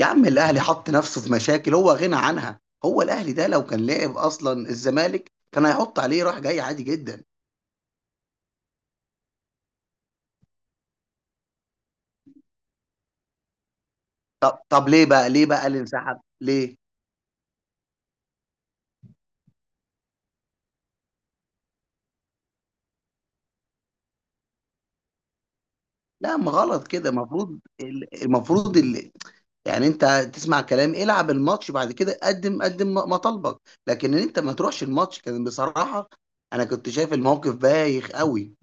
يا عم، الاهلي حط نفسه في مشاكل هو غنى عنها. هو الاهلي ده لو كان لعب اصلا الزمالك كان هيحط عليه راح جاي عادي جدا. طب، ليه بقى اللي انسحب ليه؟ لا، ما غلط كده. المفروض المفروض ال- يعني انت تسمع كلام، العب الماتش، بعد كده قدم مطالبك. لكن ان انت ما تروحش الماتش كان بصراحة، انا كنت شايف الموقف بايخ قوي.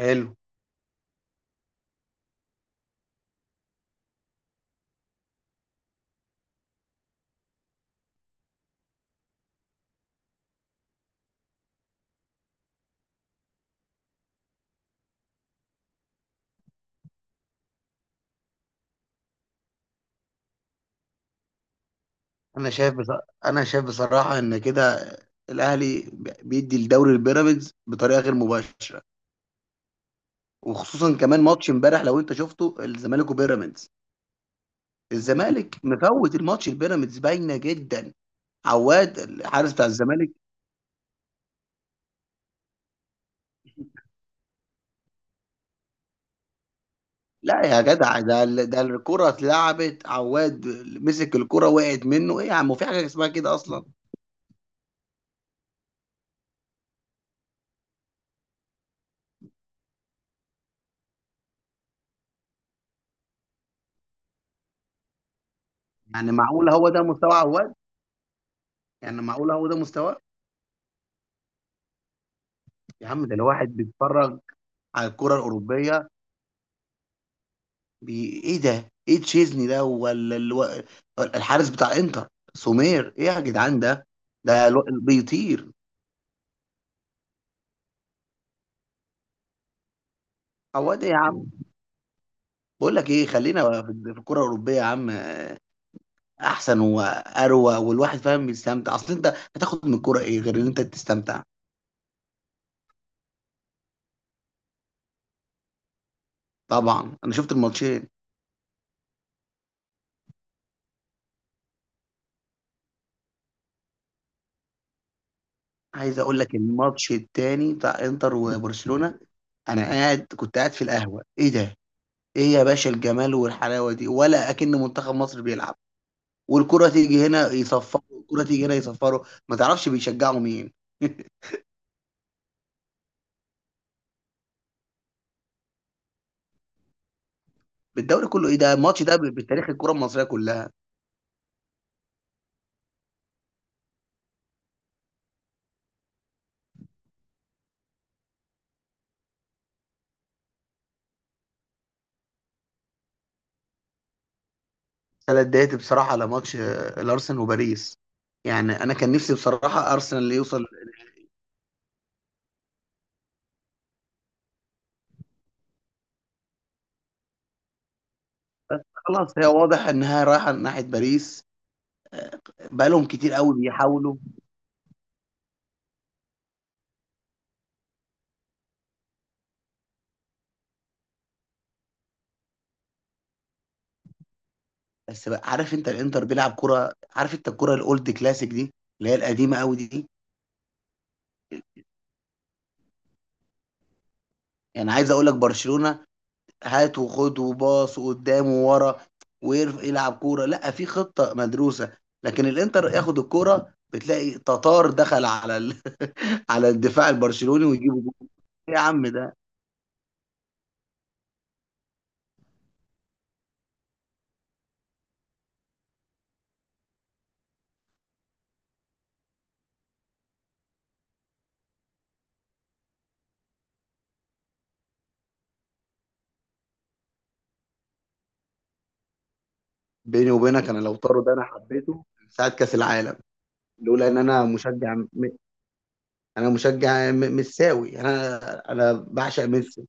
حلو. انا شايف بص... انا شايف بصراحة ان كده الاهلي بيدي الدوري البيراميدز بطريقة غير مباشرة. وخصوصا كمان ماتش امبارح لو انت شفته، الزمالك وبيراميدز، الزمالك مفوت الماتش، البيراميدز باينه جدا. عواد الحارس بتاع الزمالك. لا يا جدع، ده الكره اتلعبت، عواد مسك الكره وقعت منه. ايه يا عم، في حاجه اسمها كده اصلا؟ يعني معقول هو ده مستوى عواد؟ يعني معقول هو ده مستواه؟ يا عم ده الواحد بيتفرج على الكره الاوروبيه. ايه ده؟ ايه تشيزني ده ولا الحارس بتاع انتر؟ سومير؟ ايه يا جدعان ده؟ ده بيطير. عواد ايه يا عم؟ بقول لك ايه، خلينا في الكره الاوروبيه يا عم. احسن واروى، والواحد فاهم بيستمتع. اصل انت هتاخد من الكوره ايه غير ان انت تستمتع؟ طبعا انا شفت الماتشين. عايز اقول لك، الماتش التاني بتاع انتر وبرشلونه، انا قاعد كنت قاعد في القهوه. ايه ده؟ ايه يا باشا الجمال والحلاوه دي؟ ولا اكن منتخب مصر بيلعب، والكره تيجي هنا يصفروا والكره تيجي هنا يصفروا، ما تعرفش بيشجعوا مين. بالدوري كله؟ ايه ده، الماتش ده بتاريخ الكره المصريه كلها. انا اتضايقت بصراحه على ماتش الارسنال وباريس. يعني انا كان نفسي بصراحه ارسنال اللي يوصل. خلاص، هي واضح انها رايحه ناحيه باريس. بقالهم كتير قوي بيحاولوا. بس بقى، عارف انت الانتر بيلعب كره؟ عارف انت الكره الاولد كلاسيك دي اللي هي القديمه قوي دي؟ يعني عايز اقول لك، برشلونه هات وخد وباص وقدام وورا، ويلعب كوره لا في خطه مدروسه. لكن الانتر ياخد الكوره بتلاقي تتار دخل على الدفاع البرشلوني ويجيبوا جول. ايه يا عم ده. بيني وبينك، انا لو طاروا ده انا حبيته من ساعه كاس العالم. لولا ان انا مشجع مساوي انا. انا بعشق ميسي.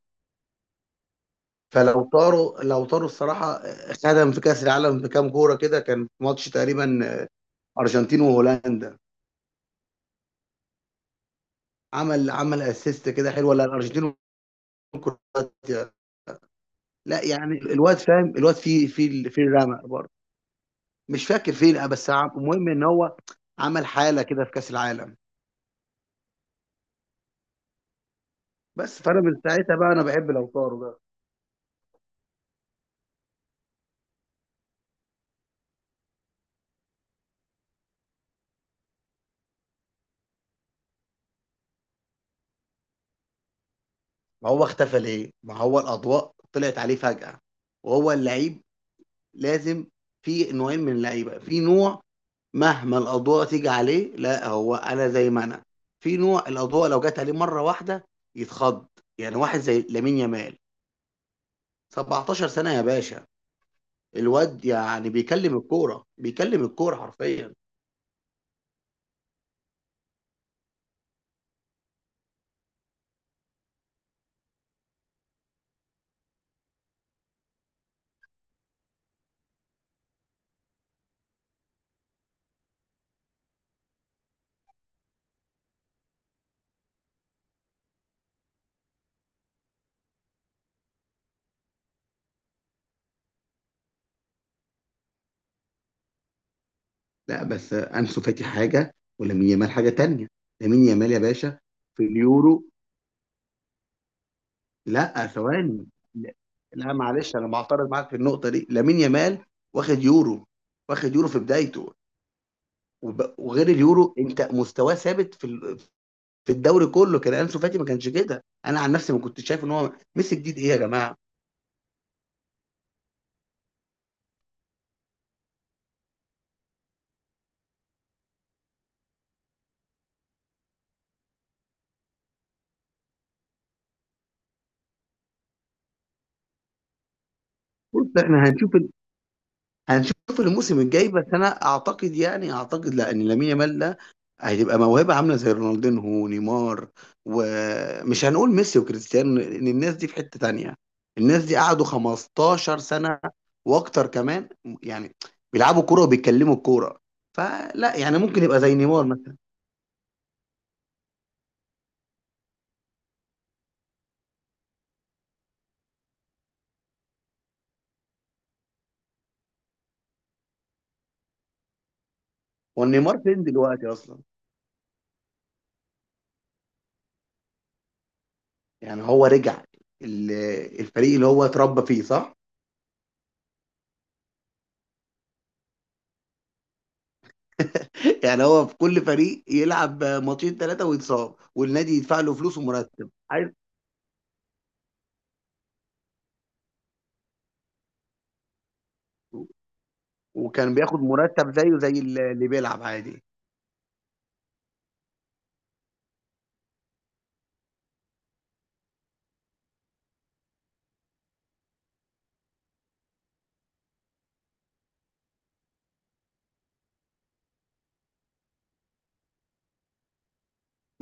فلو طاروا، لو طاروا الصراحه خدم في كاس العالم بكام كوره كده. كان في ماتش تقريبا ارجنتين وهولندا، عمل اسيست كده حلو. ولا الارجنتين وكرواتيا؟ لا يعني الواد فاهم، الواد فيه في الرمق برضه. مش فاكر فين بس المهم ان هو عمل حاله كده في كاس العالم. بس فانا من ساعتها بقى انا بحب لو طاروا ده. ما هو اختفى ليه؟ ما هو الأضواء طلعت عليه فجأة وهو اللعيب لازم. في نوعين من اللعيبة. في نوع مهما الأضواء تيجي عليه، لا هو أنا زي ما أنا. في نوع الأضواء لو جت عليه مرة واحدة يتخض. يعني واحد زي لامين يامال، 17 سنة يا باشا. الواد يعني بيكلم الكورة، بيكلم الكورة حرفيا. لا بس أنسو فاتي حاجة ولامين يامال حاجة تانية. لامين يامال يا باشا في اليورو. لا ثواني، لا لا، معلش انا بعترض معاك في النقطه دي. لامين يامال واخد يورو، واخد يورو في بدايته. وغير اليورو انت مستواه ثابت في الدوري كله. كان انسو فاتي ما كانش كده. انا عن نفسي ما كنتش شايف ان هو ميسي جديد. ايه يا جماعه، بص احنا هنشوف. هنشوف الموسم الجاي. بس انا اعتقد، لا، ان لامين يامال ده هتبقى موهبه عامله زي رونالدينهو ونيمار. ومش هنقول ميسي وكريستيانو، ان الناس دي في حته تانية. الناس دي قعدوا 15 سنه واكتر كمان، يعني بيلعبوا كوره وبيتكلموا الكوره. فلا، يعني ممكن يبقى زي نيمار مثلا. ونيمار فين دلوقتي اصلا؟ يعني هو رجع ال- الفريق اللي هو اتربى فيه صح. يعني هو في كل فريق يلعب ماتشين ثلاثه ويتصاب، والنادي يدفع له فلوس ومرتب عايز. وكان بياخد مرتب زيه زي اللي بيلعب عادي.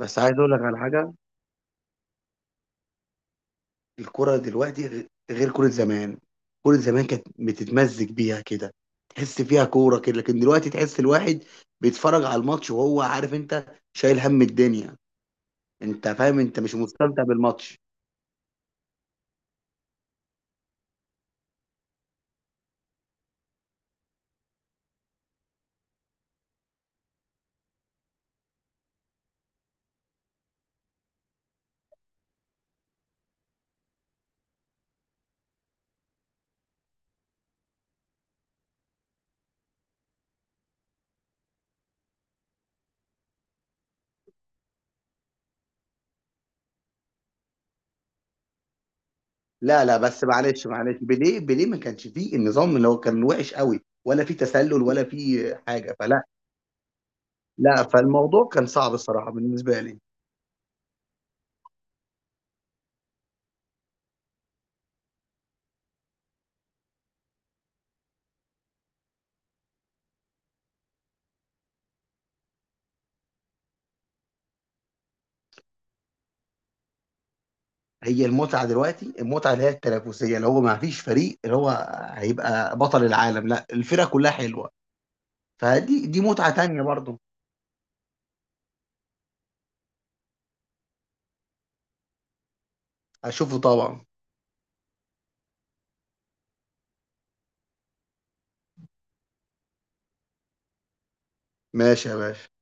بس عايز اقول لك على حاجه، الكره دلوقتي غير كره زمان. كره زمان كانت بتتمزج بيها كده، تحس فيها كوره كده. لكن دلوقتي تحس الواحد بيتفرج على الماتش وهو عارف انت، شايل هم الدنيا. انت فاهم، انت مش مستمتع بالماتش. لا لا، بس معلش معلش بيليه بيليه ما كانش فيه النظام اللي هو كان وحش قوي، ولا فيه تسلل ولا فيه حاجه. فلا، لا فالموضوع كان صعب الصراحه بالنسبه لي. هي المتعه دلوقتي، المتعه اللي هي التنافسيه، اللي هو ما فيش فريق اللي هو هيبقى بطل العالم. لا، الفرقه كلها حلوه. فدي دي متعه تانية برضه. هشوفه طبعا. ماشي يا باشا.